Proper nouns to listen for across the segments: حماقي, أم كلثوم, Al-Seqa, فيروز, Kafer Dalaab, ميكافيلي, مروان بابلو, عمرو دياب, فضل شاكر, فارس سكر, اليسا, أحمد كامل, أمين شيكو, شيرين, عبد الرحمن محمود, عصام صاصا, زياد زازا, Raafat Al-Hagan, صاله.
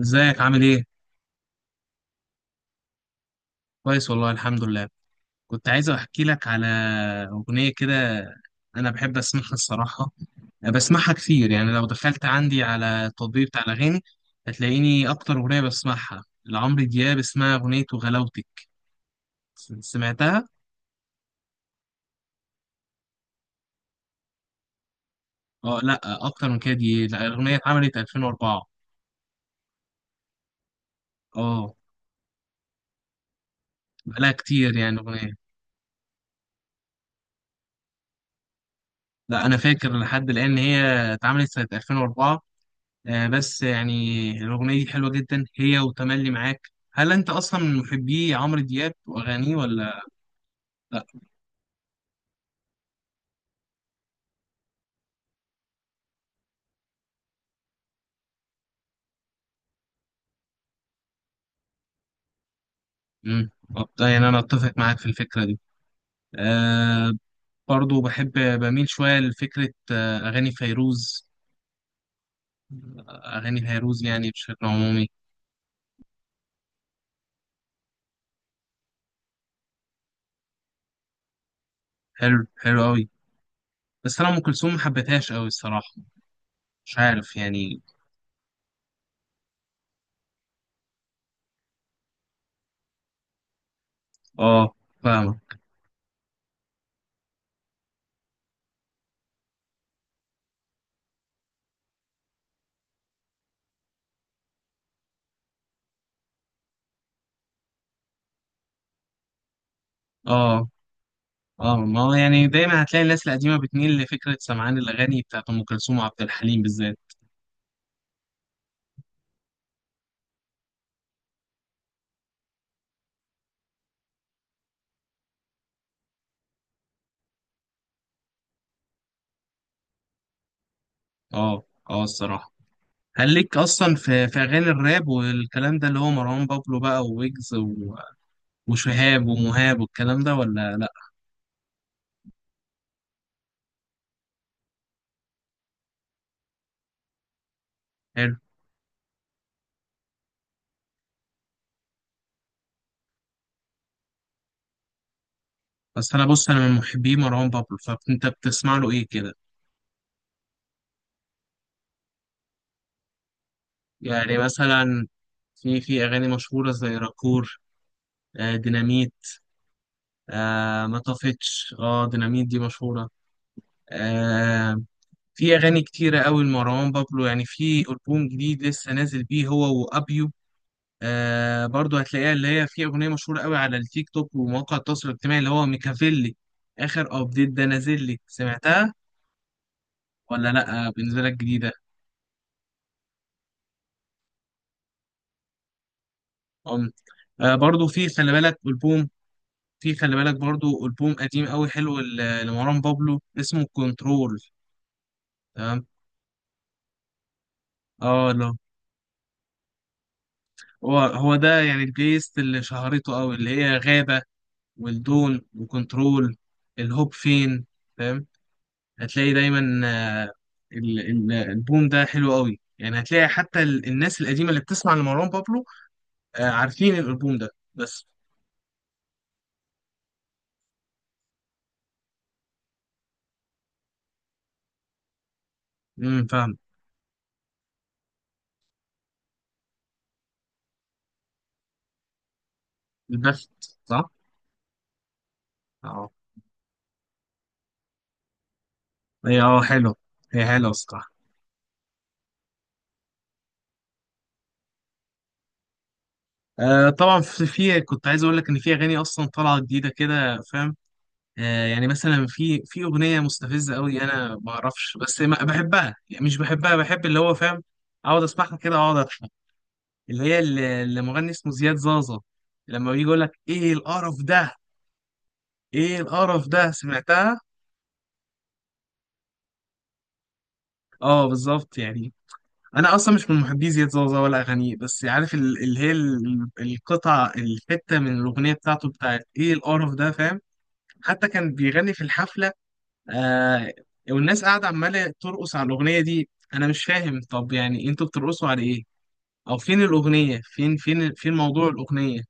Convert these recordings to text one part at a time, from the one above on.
ازيك عامل ايه؟ كويس والله، الحمد لله. كنت عايز احكي لك على اغنية كده، انا بحب اسمعها الصراحة. بسمعها كتير، يعني لو دخلت عندي على التطبيق بتاع الاغاني هتلاقيني اكتر اغنية بسمعها لعمرو دياب اسمها اغنية وغلاوتك. سمعتها؟ اه، لا، اكتر من كده. دي لا، الاغنية اتعملت 2004. اه، بقالها كتير يعني الاغنية. لا، انا فاكر لحد الان ان هي اتعملت سنة 2004. بس يعني الأغنية دي حلوة جدا، هي وتملي معاك. هل أنت أصلا من محبي عمرو دياب وأغانيه ولا لأ؟ مم. طب ده يعني أنا أتفق معاك في الفكرة دي. أه. برضو بحب، بميل شوية لفكرة أغاني فيروز. أغاني فيروز يعني بشكل عمومي. حلو، حلو أوي. بس أنا أم كلثوم ما حبيتهاش أوي الصراحة. مش عارف يعني. أه. فاهمة. أه. اه، ما هو يعني دايما هتلاقي الناس القديمه بتميل لفكره سمعان الاغاني بتاعت ام كلثوم وعبد الحليم بالذات. اه، اه الصراحة. هل ليك أصلا في أغاني الراب والكلام ده، اللي هو مروان بابلو بقى وويجز وشهاب ومهاب والكلام ده، ولا لأ؟ حلو. بس أنا بص، أنا من محبي مروان بابلو، فأنت بتسمع له إيه كده؟ يعني مثلا في أغاني مشهورة زي راكور. آه، ديناميت. آه، ما طفتش. اه، ديناميت دي مشهورة. آه، في أغاني كتيرة أوي لمروان بابلو. يعني في ألبوم جديد لسه نازل بيه هو وأبيو. آه، برضو هتلاقيها اللي هي في أغنية مشهورة قوي على التيك توك ومواقع التواصل الاجتماعي، اللي هو ميكافيلي. آخر أبديت ده نازل لي، سمعتها ولا لأ؟ بالنسبة لك جديدة. أم برضو في خلي بالك ألبوم. في خلي بالك برضو ألبوم قديم قوي حلو لمروان بابلو، اسمه كنترول. تمام. اه، لا، هو ده يعني البيست اللي شهرته قوي، اللي هي غابة والدون وكنترول. الهوب فين؟ هتلاقي دايما. الالبوم ده حلو قوي. يعني هتلاقي حتى الناس القديمه اللي بتسمع لمروان بابلو، عارفين الالبوم ده. بس. فاهم. البخت. صح. اه، هي حلو. هي حلوه الصراحه. آه، طبعا في كنت عايز اقول لك ان في اغاني اصلا طالعه جديده كده، فاهم؟ آه، يعني مثلا في اغنيه مستفزه قوي، انا ما اعرفش، بس ما بحبها يعني، مش بحبها، بحب اللي هو، فاهم؟ اقعد اسمعها كده، اقعد. اللي هي، اللي مغني اسمه زياد زازا. لما بيجي يقول لك: ايه القرف ده، ايه القرف ده، سمعتها؟ اه، بالظبط يعني. انا اصلا مش من محبي زياد زازا ولا اغانيه، بس عارف اللي هي القطعه الحته من الاغنيه بتاعته، بتاعت ايه القرف ده، فاهم؟ حتى كان بيغني في الحفله. آه والناس قاعده عماله ترقص على الاغنيه دي. انا مش فاهم، طب يعني انتوا بترقصوا على ايه؟ او فين الاغنيه، فين، فين، فين موضوع الاغنيه؟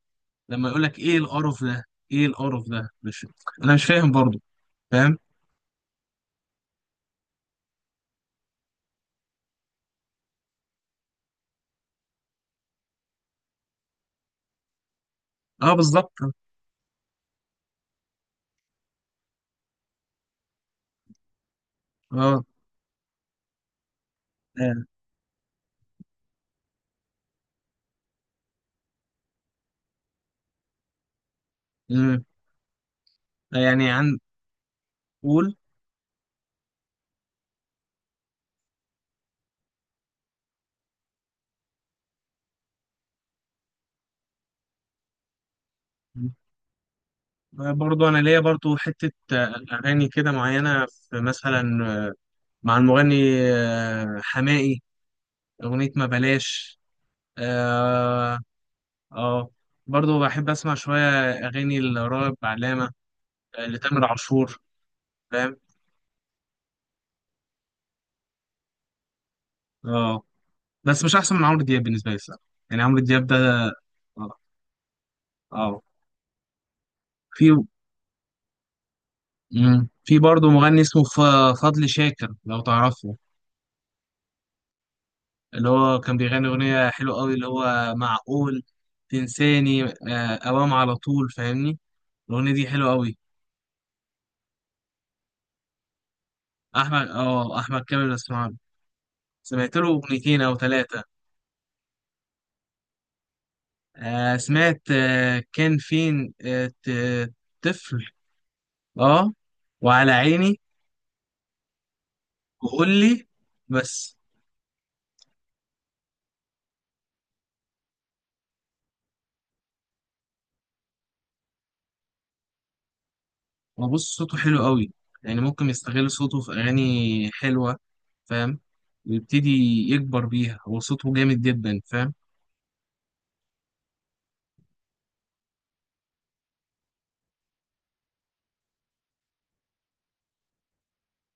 لما يقول لك ايه القرف ده، ايه القرف ده؟ مش، انا مش فاهم برضو، فاهم؟ اه، بالظبط. اه. آه، مم. يعني عن، قول. برضو انا ليا برضو حتة، اغاني كده معينة، في مثلا مع المغني، حماقي. اغنية ما بلاش. اه. آه. برضو بحب اسمع شوية اغاني لراغب علامة، لتامر عاشور، فاهم؟ اه، بس مش احسن من عمرو دياب بالنسبة لي الصراحة. يعني عمرو دياب ده. اه. آه. في. مم. في برضه مغني اسمه فضل شاكر، لو تعرفه. اللي هو كان بيغني أغنية حلوة قوي، اللي هو: معقول تنساني أوام على طول، فاهمني؟ الأغنية دي حلوة قوي. أحمد كامل بسمع له. سمعت له أغنيتين أو ثلاثة. آه، سمعت. كان فين؟ طفل. أه. وعلى عيني. وقول لي. بس. هو بص، صوته حلو قوي، يعني ممكن يستغل صوته في أغاني حلوة، فاهم؟ ويبتدي يكبر بيها. هو صوته جامد جدا، فاهم؟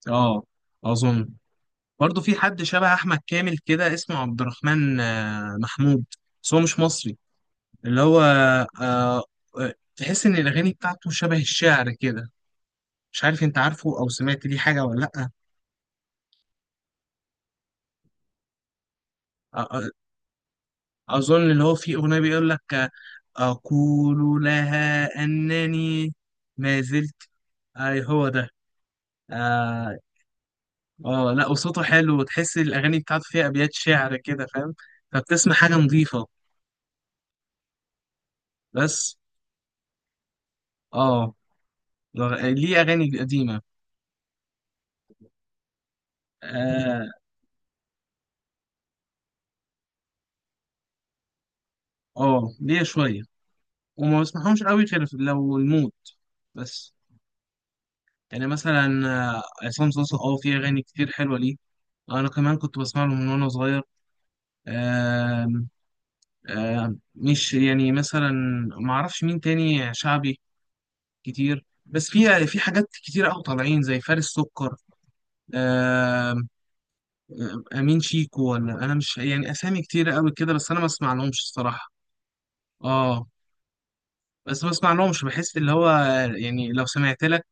اه. أظن برضه في حد شبه أحمد كامل كده، اسمه عبد الرحمن محمود. بس هو مش مصري. اللي هو، آه، تحس إن الأغاني بتاعته شبه الشعر كده. مش عارف، أنت عارفه أو سمعت ليه حاجة ولا لأ؟ آه، آه، اظن اللي هو فيه اغنيه بيقول لك اقول لها انني ما زلت. اي هو ده. اه. لا، وصوته حلو، وتحس الاغاني بتاعته فيها ابيات شعر كده، فاهم؟ فبتسمع حاجه نظيفه. بس. اه. ليه اغاني قديمه. اه. ليه شويه، وما بسمعهمش قوي غير لو المود. بس. يعني مثلا عصام صاصا، اه في اغاني كتير حلوه ليه. انا كمان كنت بسمع له من وانا صغير. آه، مش، يعني مثلا ما اعرفش مين تاني شعبي كتير، بس في حاجات كتير قوي طالعين زي فارس سكر، آه، امين شيكو. ولا انا مش، يعني اسامي كتير قوي كده، بس انا ما اسمع لهمش الصراحه. اه، بس ما اسمع لهمش، بحس اللي هو، يعني لو سمعت لك،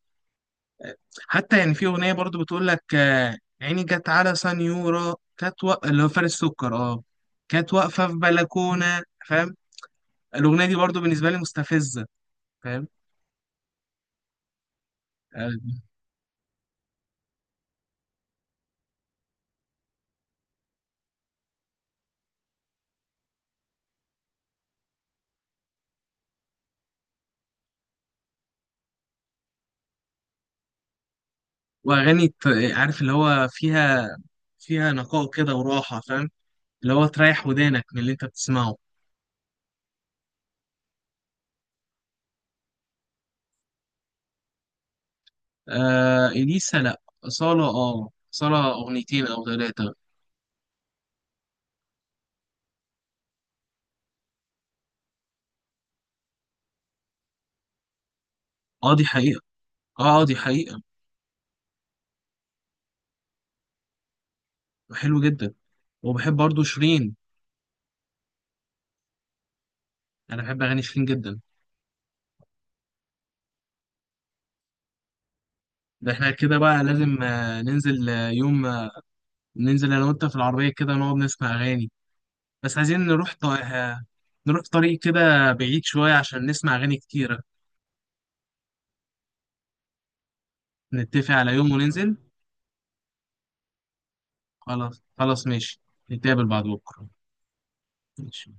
حتى يعني في اغنيه برضو بتقول لك عيني جت على سنيوره، كانت اللي هو فارس سكر، اه، كانت واقفه في بلكونه، فاهم؟ الاغنيه دي برضو بالنسبه لي مستفزه، فاهم؟ آه، واغاني عارف اللي هو فيها، فيها نقاء كده وراحه، فاهم؟ اللي هو تريح ودانك من اللي انت بتسمعه. آه، اليسا لا. صاله، اه صاله اغنيتين او ثلاثه. اه، دي حقيقه. اه. دي حقيقه. حلو جدا. وبحب برضو شيرين. انا بحب اغاني شيرين جدا. ده احنا كده بقى لازم ننزل، يوم، ننزل انا وانت في العربيه كده نقعد نسمع اغاني. بس عايزين نروح نروح طريق كده بعيد شويه عشان نسمع اغاني كتيره. نتفق على يوم وننزل. خلاص، خلاص، ماشي. نتقابل بعد بكرة. ماشي.